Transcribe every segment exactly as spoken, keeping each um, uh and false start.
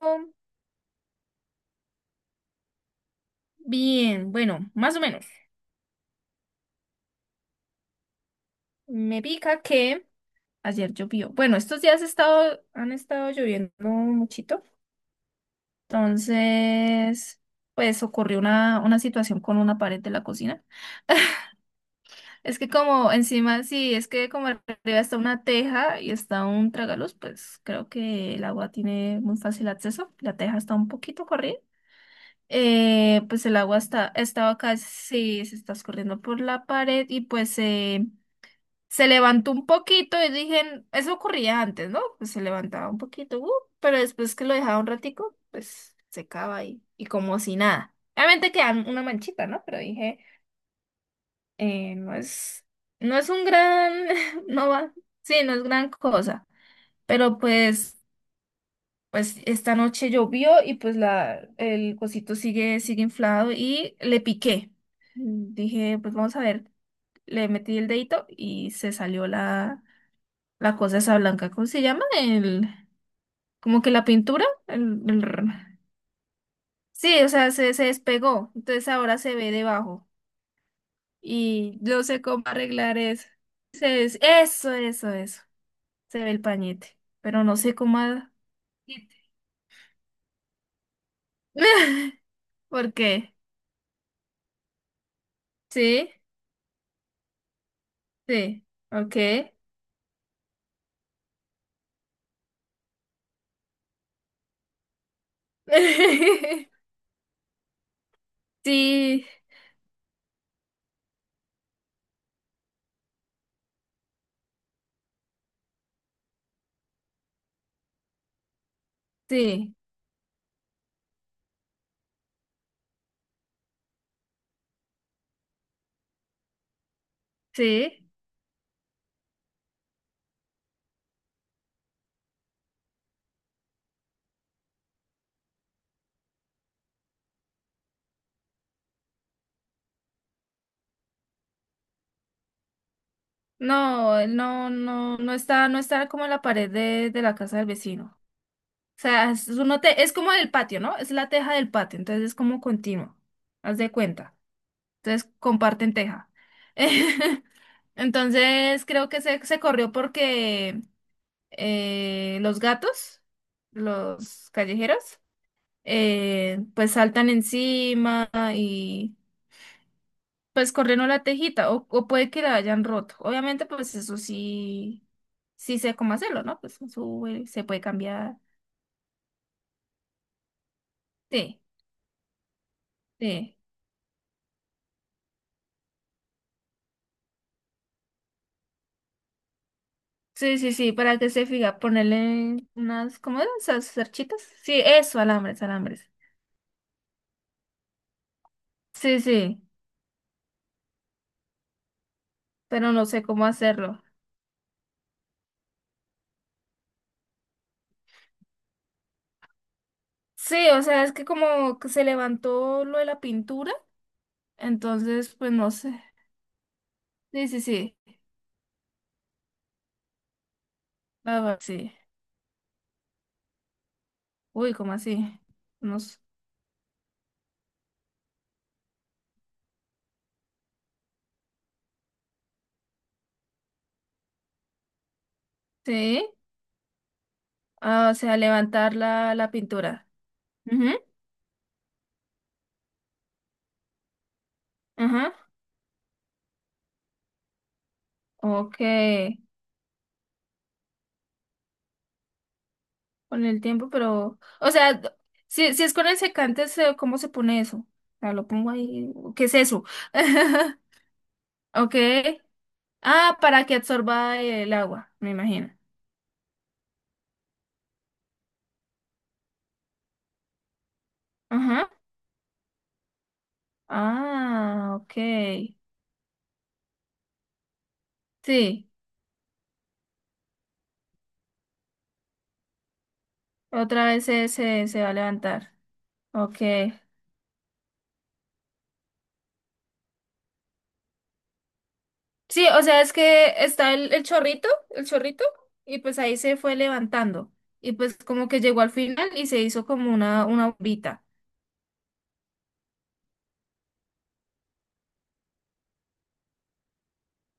Bueno. Bien, bueno, más o menos. Me pica que ayer llovió. Bueno, estos días ha estado, han estado lloviendo muchito. Entonces, pues ocurrió una, una situación con una pared de la cocina. Es que como encima, sí, es que como arriba está una teja y está un tragaluz, pues creo que el agua tiene muy fácil acceso. La teja está un poquito corrida. Eh, pues el agua está, estaba casi, se está escurriendo por la pared y pues... eh, Se levantó un poquito y dije, eso ocurría antes, ¿no? Pues se levantaba un poquito, uh, pero después que lo dejaba un ratico, pues secaba ahí y como si nada. Obviamente queda una manchita, ¿no? Pero dije, eh, no es, no es un gran, no va, sí, no es gran cosa. Pero pues, pues esta noche llovió y pues la, el cosito sigue, sigue inflado y le piqué. Dije, pues vamos a ver, le metí el dedito y se salió la la cosa esa blanca, ¿cómo se llama? El, como que la pintura, el, el r- sí, o sea, se, se despegó, entonces ahora se ve debajo y no sé cómo arreglar eso. Se es- eso, eso, eso, se ve el pañete, pero no sé cómo... a- ¿Por qué? Sí, sí, ok. Sí, sí, sí. No, no, no, no está, no está como en la pared de, de la casa del vecino. Sea, es, uno te- es como el patio, ¿no? Es la teja del patio, entonces es como continuo, haz de cuenta. Entonces comparten teja. Entonces creo que se, se corrió porque eh, los gatos, los callejeros, eh, pues saltan encima y pues corrieron la tejita o, o puede que la hayan roto. Obviamente pues eso sí, sí sé cómo hacerlo, ¿no? Pues sube, se puede cambiar. Sí, sí. Sí, sí, sí, para que se fija, ponerle unas, ¿cómo eran? ¿Esas cerchitas? Sí, eso, alambres, alambres. Sí, sí, pero no sé cómo hacerlo. Sí, o sea, es que como que se levantó lo de la pintura, entonces, pues no sé. Sí, sí, sí, ah, va, sí. Uy, ¿cómo así? No sé. Sí, ah, o sea, levantar la, la pintura. Ujú, ajá, ok. Con el tiempo, pero, o sea, si, si es con el secante, se- ¿cómo se pone eso? O sea, lo pongo ahí, ¿qué es eso? Ok. Ah, para que absorba el agua, me imagino. Ajá. Ah, ok. Sí, otra vez se, se, se va a levantar. Ok. Sí, o sea, es que está el, el chorrito, el chorrito, y pues ahí se fue levantando. Y pues como que llegó al final y se hizo como una, una bombita.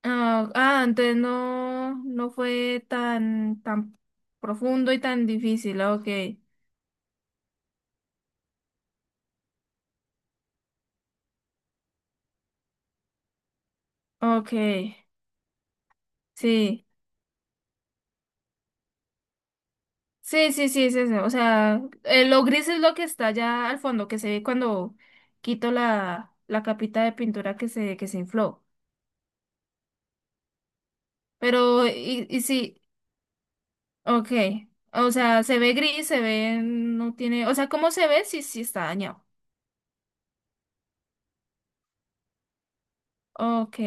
Ah, ah, entonces no, no fue tan, tan profundo y tan difícil. Ok, ok, sí, sí, sí, sí, es ese. O sea, eh, lo gris es lo que está allá al fondo, que se ve cuando quito la, la capita de pintura que se, que se infló. Pero, y, y sí, ok. O sea, se ve gris, se ve, no tiene, o sea, ¿cómo se ve? Sí, sí está dañado. Ok,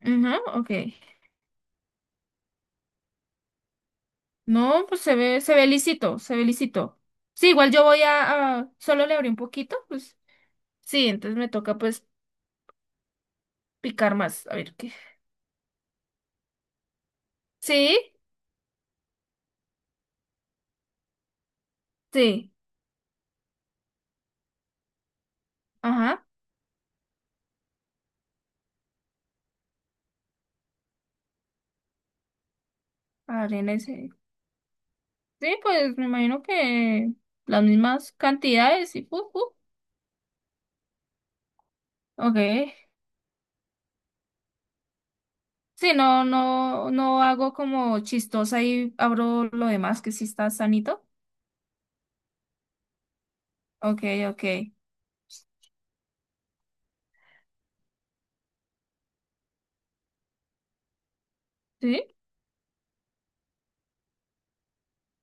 ajá, ok. No, pues se ve, se ve lisito, se ve lisito. Sí, igual yo voy a, a- solo le abrí un poquito, pues sí, entonces me toca pues picar más, a ver qué. Sí, sí, ajá, arena ese. Sí, pues me imagino que las mismas cantidades y pu, pu. Ok. Sí, no, no, no hago como chistosa y abro lo demás que sí está sanito. Ok, ok. Sí, o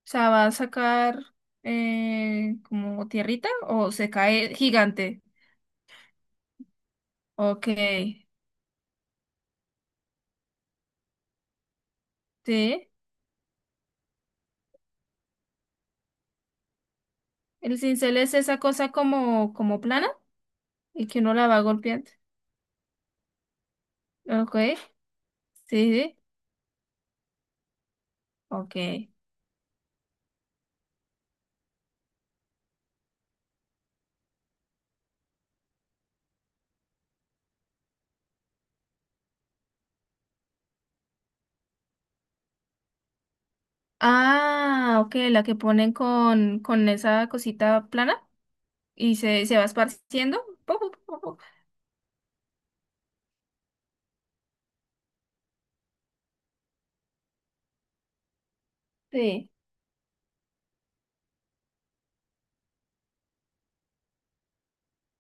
sea, va a sacar eh, como tierrita o se cae gigante. Ok, sí. El cincel es esa cosa como, como plana y que uno la va golpeando. Ok, sí, sí. Ok. Ah, ok, la que ponen con, con esa cosita plana y se, se va esparciendo. Pu, pu, pu, pu, pu. Sí,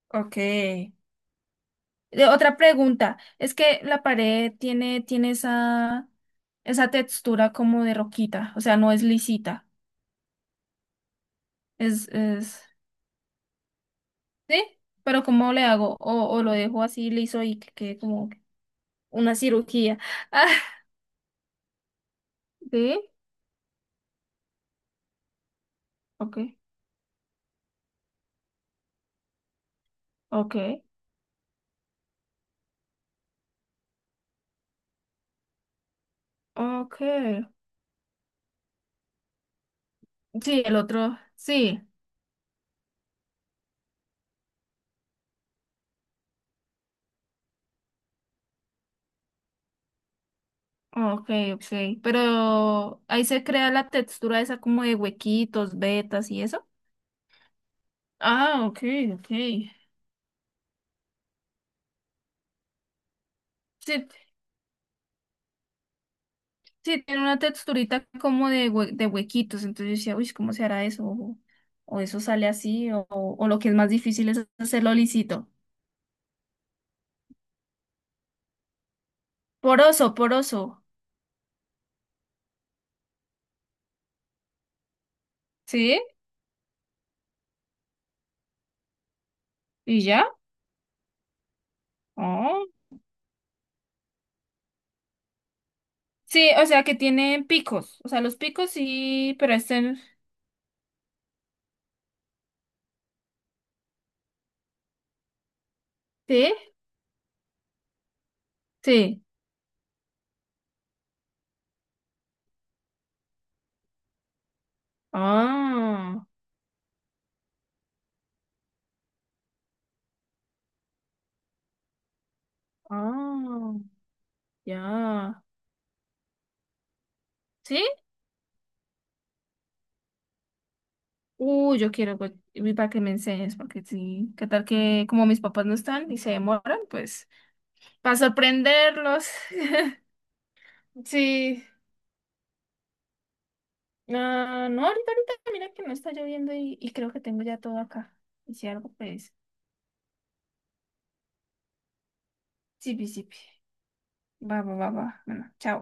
ok. Eh, otra pregunta, es que la pared tiene, tiene esa, esa textura como de roquita, o sea, no es lisita, es, es... Sí, pero ¿cómo le hago? O, o lo dejo así liso y que quede como una cirugía. Ah, sí, ok, ok, ok. Sí, el otro, sí, ok, ok. Pero ahí se crea la textura esa como de huequitos, vetas y eso. Ah, ok, ok. Sí, sí, tiene una texturita como de, hue- de huequitos. Entonces yo decía, uy, ¿cómo se hará eso? O, o eso sale así, o, o lo que es más difícil es hacerlo lisito. Poroso, poroso. Sí, y ya. Oh. Sí, o sea que tienen picos. O sea, los picos sí, pero este. Sí, sí. Ah, ah, ya. ¿Sí? Uy, yo quiero pues, y para que me enseñes, porque sí. ¿Qué tal que como mis papás no están y se demoran? Pues para sorprenderlos. Sí. Ah, no, ahorita, ahorita, mira que no está lloviendo y, y creo que tengo ya todo acá. Y si algo, pues, sí, sí, sí. Va, va, va, va. Bueno, chao.